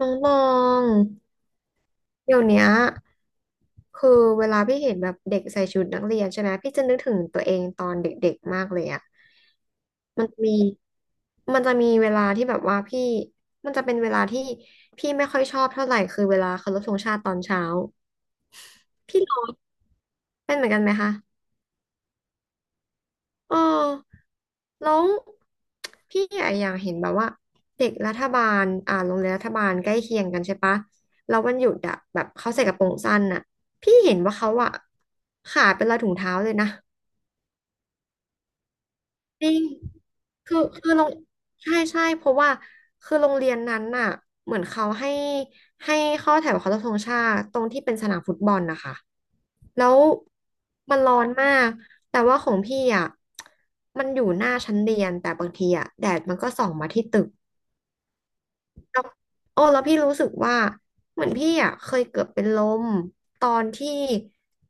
น้องตองเดี๋ยวเนี้ยคือเวลาพี่เห็นแบบเด็กใส่ชุดนักเรียนใช่ไหมพี่จะนึกถึงตัวเองตอนเด็กๆมากเลยอ่ะมันมีมันจะมีเวลาที่แบบว่าพี่ มันจะเป็นเวลาที่พี่ไม่ค่อยชอบเท่าไหร่คือเวลาเคารพธงชาติตอนเช้า พี่ร้องเป็นเหมือนกันไหมคะ เออแล้วพี่อะอยากเห็นแบบว่าเด็กรัฐบาลโรงเรียนรัฐบาลใกล้เคียงกันใช่ปะแล้ววันหยุดอะแบบเขาใส่กระโปรงสั้นอะพี่เห็นว่าเขาอะขาดเป็นรอยถุงเท้าเลยนะ จริงคือคือโรงใช่ใช่เพราะว่าคือโรงเรียนนั้นน่ะเหมือนเขาให้ให้เข้อแถวเคารพธงชาติตรงที่เป็นสนามฟุตบอลนะคะแล้วมันร้อนมากแต่ว่าของพี่อ่ะมันอยู่หน้าชั้นเรียนแต่บางทีอ่ะแดดมันก็ส่องมาที่ตึก แล้วโอ้แล้วพี่รู้สึกว่าเหมือนพี่อ่ะเคยเกือบเป็นลมตอนที่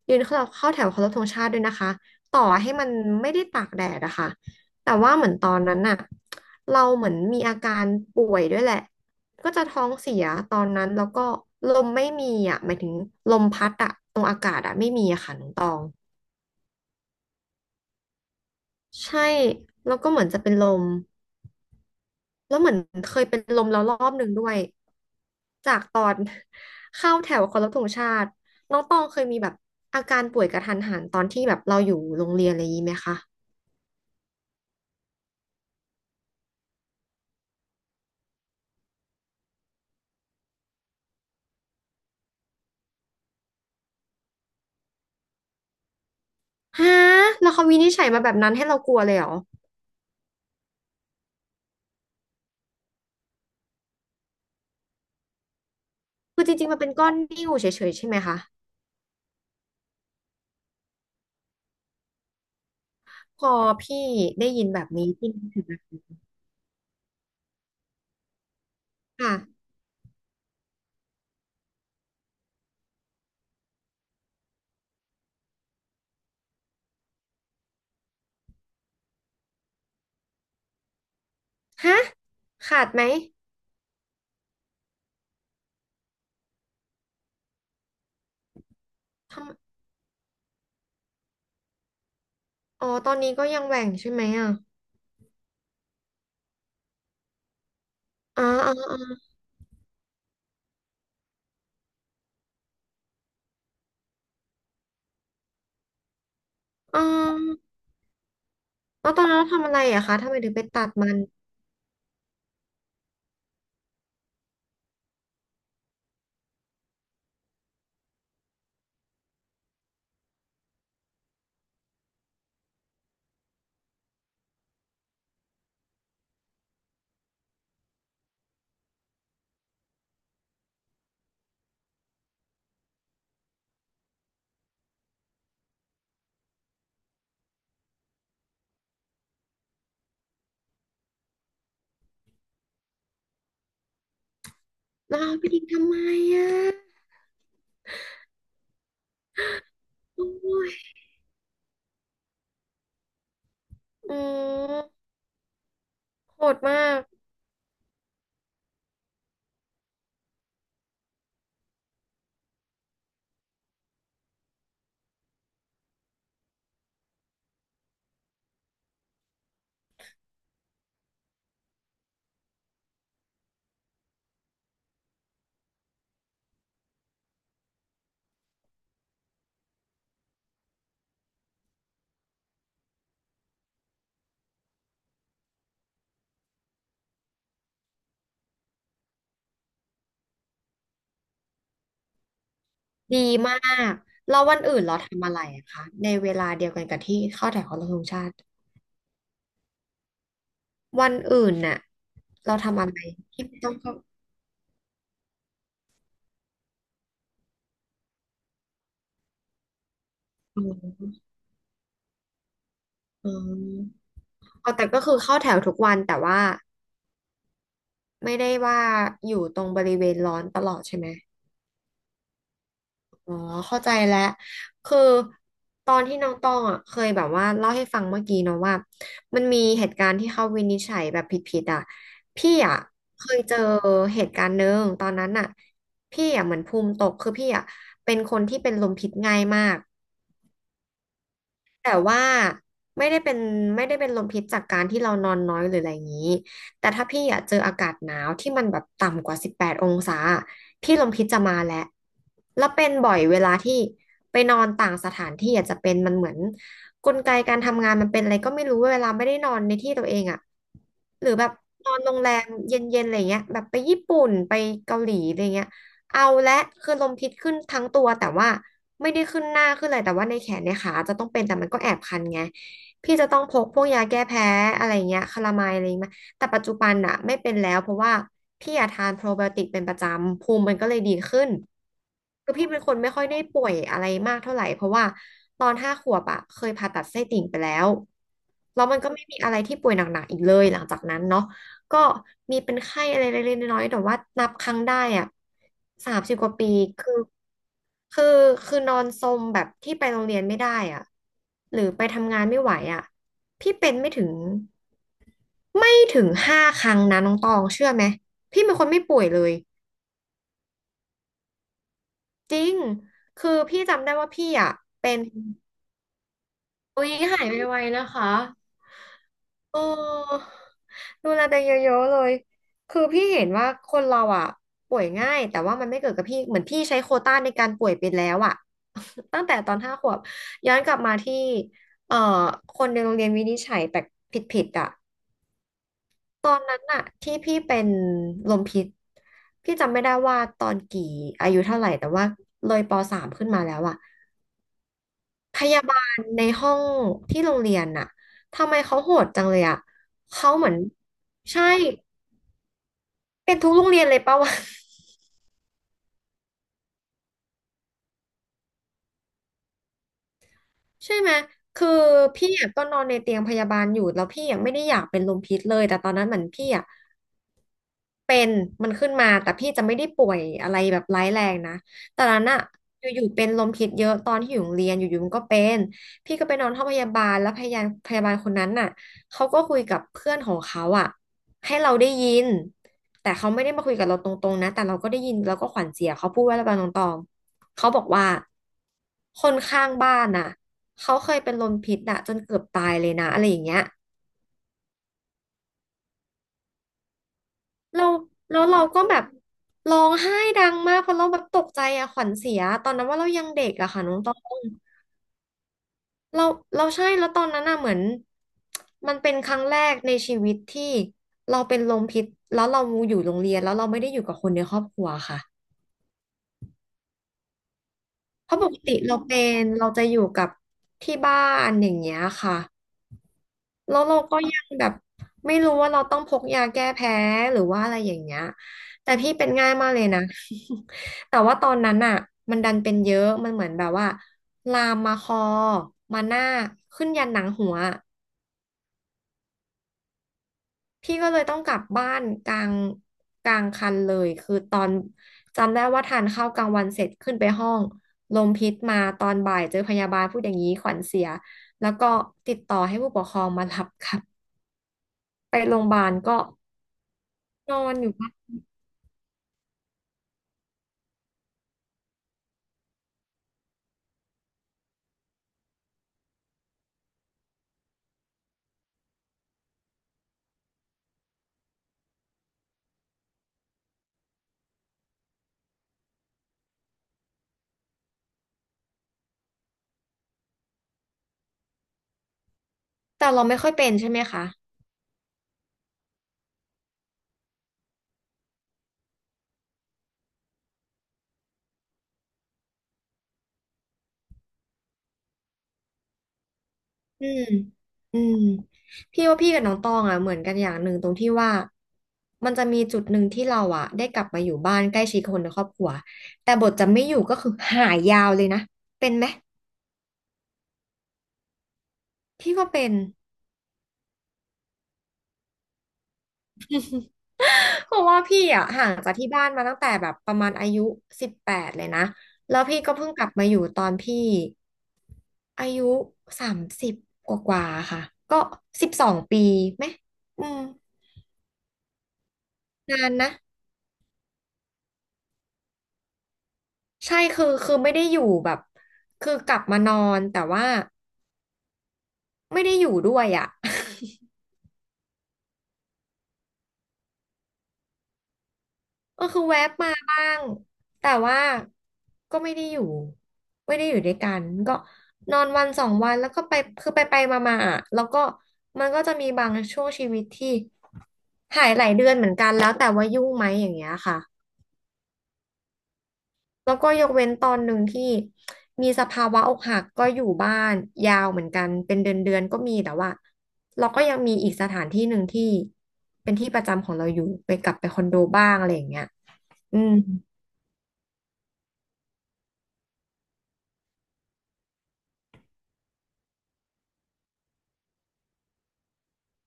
ยืนเข้าแถวเคารพธงชาติด้วยนะคะต่อให้มันไม่ได้ตากแดดอะค่ะแต่ว่าเหมือนตอนนั้นน่ะเราเหมือนมีอาการป่วยด้วยแหละก็จะท้องเสียตอนนั้นแล้วก็ลมไม่มีอ่ะหมายถึงลมพัดอ่ะตรงอากาศอ่ะไม่มีอะค่ะน้องตองใช่แล้วก็เหมือนจะเป็นลม แล้วเหมือนเคยเป็นลมแล้วรอบหนึ่งด้วยจากตอน เข้าแถวเคารพธงชาติน้องตองเคยมีแบบอาการป่วยกระทันหันตอนที่แบบเราอยู่โรงเรียนอะไรอย่างนี้ไหมคะฮะแล้วเขาวินิจฉัยมาแบบนั้นให้เรากลัวเลยเหรอคือจริงๆมันเป็นก้อนนิ่วเฉยๆใช่ไหมคะพอพี่ได้ยินแบบนี้พี่นึกถึงนะค่ะฮะขาดไหมทำอ๋อตอนนี้ก็ยังแหว่งใช่ไหมอ่ะอ๋ออ๋ออ๋ออ๋อแล้วตอนนั้นเราทำอะไรอะคะทำไมถึงไปตัดมัน เราเอาไปทิ้งทำไมอ่ะโอ้ยอืมโหดมากดีมากแล้ววันอื่นเราทำอะไรอะคะในเวลาเดียวกันกับที่เข้าแถวเคารพธงชาติวันอื่นน่ะเราทำอะไรที่ไม่ต้องเข้าอืมอืมออแต่ก็คือเข้าแถวทุกวันแต่ว่าไม่ได้ว่าอยู่ตรงบริเวณร้อนตลอดใช่ไหม อ๋อเข้าใจแล้วคือตอนที่น้องตองอ่ะเคยแบบว่าเล่าให้ฟังเมื่อกี้เนาะว่ามันมีเหตุการณ์ที่เขาวินิจฉัยแบบผิดๆอ่ะพี่อ่ะเคยเจอเหตุการณ์หนึ่งตอนนั้นอ่ะพี่อ่ะเหมือนภูมิตกคือพี่อ่ะเป็นคนที่เป็นลมพิษง่ายมาก แต่ว่าไม่ได้เป็นไม่ได้เป็นลมพิษจากการที่เรานอนน้อยหรืออะไรอย่างนี้แต่ถ้าพี่อยากเจออากาศหนาวที่มันแบบต่ำกว่า18องศาพี่ลมพิษจะมาแล้วแล้วเป็นบ่อยเวลาที่ไปนอนต่างสถานที่อาจจะเป็นมันเหมือนกลไกการทำงานมันเป็นอะไรก็ไม่รู้เวลาไม่ได้นอนในที่ตัวเองอ่ะหรือแบบนอนโรงแรมเย็นๆอะไรเงี้ยแบบไปญี่ปุ่นไปเกาหลีอะไรเงี้ยเอาและคือลมพิษขึ้นทั้งตัวแต่ว่า ไม่ได้ขึ้นหน้าขึ้นอะไรแต่ว่าในแขนในขาจะต้องเป็นแต่มันก็แอบคันไงพี่จะต้องพกพวกยาแก้แพ้อะไรเงี้ยคาลาไมด์อะไรมาแต่ปัจจุบันอะไม่เป็นแล้วเพราะว่าพี่อะทานโปรไบโอติกเป็นประจำภูมิมันก็เลยดีขึ้นคือพี่เป็นคนไม่ค่อยได้ป่วยอะไรมากเท่าไหร่เพราะว่าตอน5 ขวบอะเคยผ่าตัดไส้ติ่งไปแล้วแล้วมันก็ไม่มีอะไรที่ป่วยหนักๆอีกเลยหลังจากนั้นเนาะ ก็มีเป็นไข้อะไรเล็กๆน้อยๆแต่ว่านับครั้งได้อ่ะ30กว่าปีคือคือคือนอนซมแบบที่ไปโรงเรียนไม่ได้อ่ะหรือไปทำงานไม่ไหวอ่ะพี่เป็นไม่ถึง5 ครั้งนะน้องตองเชื่อไหมพี่เป็นคนไม่ป่วยเลยจริงคือพี่จำได้ว่าพี่อ่ะเป็นอุ๊ยหายไวๆนะคะ เออดูแลตัวเองเยอะๆเลย คือพี่เห็นว่าคนเราอ่ะป่วยง่ายแต่ว่ามันไม่เกิดกับพี่เหมือนพี่ใช้โควต้าในการป่วยไปแล้วอ่ะ ตั้งแต่ตอน5 ขวบย้อนกลับมาที่เอ่อคนในโรงเรียนวินิจฉัยแปลกผิดๆอ่ะตอนนั้นอ่ะที่พี่เป็นลมพิษพี่จำไม่ได้ว่าตอนกี่อายุเท่าไหร่แต่ว่าเลยปสามขึ้นมาแล้วอ่ะพยาบาลในห้องที่โรงเรียนน่ะทำไมเขาโหดจังเลยอ่ะเขาเหมือนใช่ เป็นทุกโรงเรียนเลยปะวะ ใช่ไหมคือพี่อะก็นอนในเตียงพยาบาลอยู่แล้วพี่ยังไม่ได้อยากเป็นลมพิษเลยแต่ตอนนั้นเหมือนพี่อะ เป็นมันขึ้นมาแต่พี่จะไม่ได้ป่วยอะไรแบบร้ายแรงนะแต่นั้นอะอยู่ๆเป็นลมพิษเยอะตอนที่อยู่โรงเรียนอยู่ๆมันก็เป็นพี่ก็ไปนอนห้องพยาบาลแล้วพยาบาลคนนั้นน่ะเขาก็คุยกับเพื่อนของเขาอะให้เราได้ยินแต่เขาไม่ได้มาคุยกับเราตรงๆนะแต่เราก็ได้ยินเราก็ขวัญเสียเขาพูดว่าอะไรบางตรงๆเขาบอกว่าคนข้างบ้านน่ะเขาเคยเป็นลมพิษน่ะจนเกือบตายเลยนะอะไรอย่างเงี้ย เราแล้วเราก็แบบร้องไห้ดังมากเพราะเราแบบตกใจอะขวัญเสียตอนนั้นว่าเรายังเด็กอะค่ะน้องตองเราเราใช่แล้วตอนนั้นอะเหมือนมันเป็นครั้งแรกในชีวิตที่เราเป็นลมพิษแล้วเราอยู่โรงเรียนแล้วเราไม่ได้อยู่กับคนในครอบครัวค่ะเพราะปกติเราเป็นเราจะอยู่กับที่บ้านอย่างเงี้ยค่ะ แล้วเราก็ยังแบบไม่รู้ว่าเราต้องพกยาแก้แพ้หรือว่าอะไรอย่างเงี้ยแต่พี่เป็นง่ายมากเลยนะ แต่ว่าตอนนั้นอ่ะมันดันเป็นเยอะมันเหมือนแบบว่าลามมาคอมาหน้าขึ้นยันหนังหัวพี่ก็เลยต้องกลับบ้านกลางคันเลยคือตอนจำได้ว่าทานข้าวกลางวันเสร็จขึ้นไปห้องลมพิษมาตอนบ่ายเจอพยาบาลพูดอย่างนี้ขวัญเสียแล้วก็ติดต่อให้ผู้ปกครองมารับ ครับไปโรงพยาบาลก็นอนอยู่ แต่เราไม่ค่อยเป็นใช่ไหมคะอืมอืม พี่ว่าพี่กับน้องตองอ่ะเหมือนกันอย่างหนึ่งตรงที่ว่ามันจะมีจุดหนึ่งที่เราอ่ะได้กลับมาอยู่บ้านใกล้ชิดคนในครอบครัวแต่บทจะไม่อยู่ก็คือหายยาวเลยนะเป็นไหมพี่ว่าเป็นเพราะว่าพี่อ่ะห่างจากที่บ้านมาตั้งแต่แบบประมาณอายุ18เลยนะแล้วพี่ก็เพิ่งกลับมาอยู่ตอนพี่อายุ30กว่ากว่าๆค่ะก็12 ปีไหมอืมนานนะ ใช่คือไม่ได้อยู่แบบคือกลับมานอนแต่ว่าไม่ได้อยู่ด้วยอ่ะ ก็คือแวบมาบ้างแต่ว่าก็ไม่ได้อยู่ด้วยกันก็นอนวันสองวันแล้วก็ไปคือไปไปมามาอ่ะแล้วก็มันก็จะมีบางช่วงชีวิตที่หายหลายเดือนเหมือนกันแล้วแต่ว่ายุ่งไหมอย่างเงี้ยค่ะ แล้วก็ยกเว้นตอนหนึ่งที่มีสภาวะอกหักก็อยู่บ้านยาวเหมือนกันเป็นเดือนเดือนก็มีแต่ว่าเราก็ยังมีอีกสถานที่หนึ่งที่เป็นที่ประจำของเราอยู่ไปกลับไปคอนโดบ้างอะไรอย่างเงี้ยอืม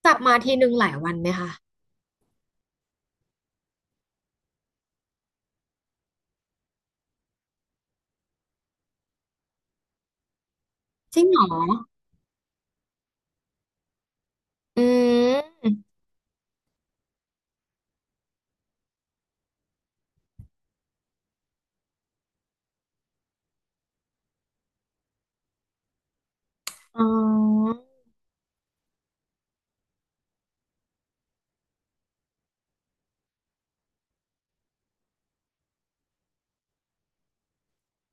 กลับมาทีหนึ่งหลายวันไหมคะจริงเหรออืมอ๋อ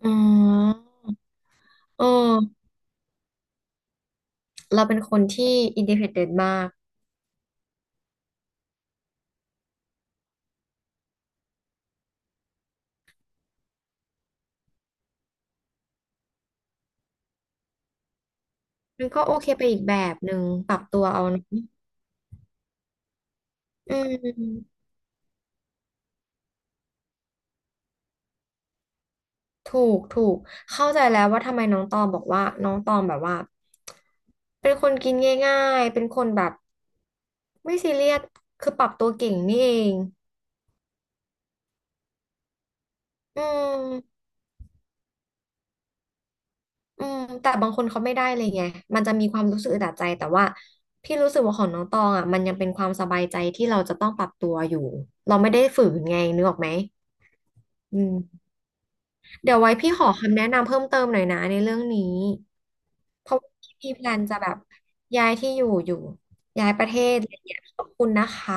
อ๋อเออเราเป็นคนที่อินดิเพนเดนต์มากมันก็โอเคไปอีกแบบหนึ่งปรับตัวเอาเนอะอืม ถูกถูกเข้าใจแล้วว่าทำไมน้องตองบอกว่าน้องตองแบบว่าเป็นคนกินง่ายๆเป็นคนแบบไม่ซีเรียสคือปรับตัวเก่งนี่เองอืมอืมแต่บางคนเขาไม่ได้เลยไงมันจะมีความรู้สึกอึดอัดใจแต่ว่าพี่รู้สึกว่าของน้องตองอ่ะมันยังเป็นความสบายใจที่เราจะต้องปรับตัวอยู่เราไม่ได้ฝืนไงนึกออกไหมอืม เดี๋ยวไว้พี่ขอคำแนะนำเพิ่มเติมหน่อยนะในเรื่องนี้ เพราะว่าพี่มีแพลนจะแบบย้ายที่อยู่อยู่ย้ายประเทศอะไรอย่างเงี้ยขอบคุณนะคะ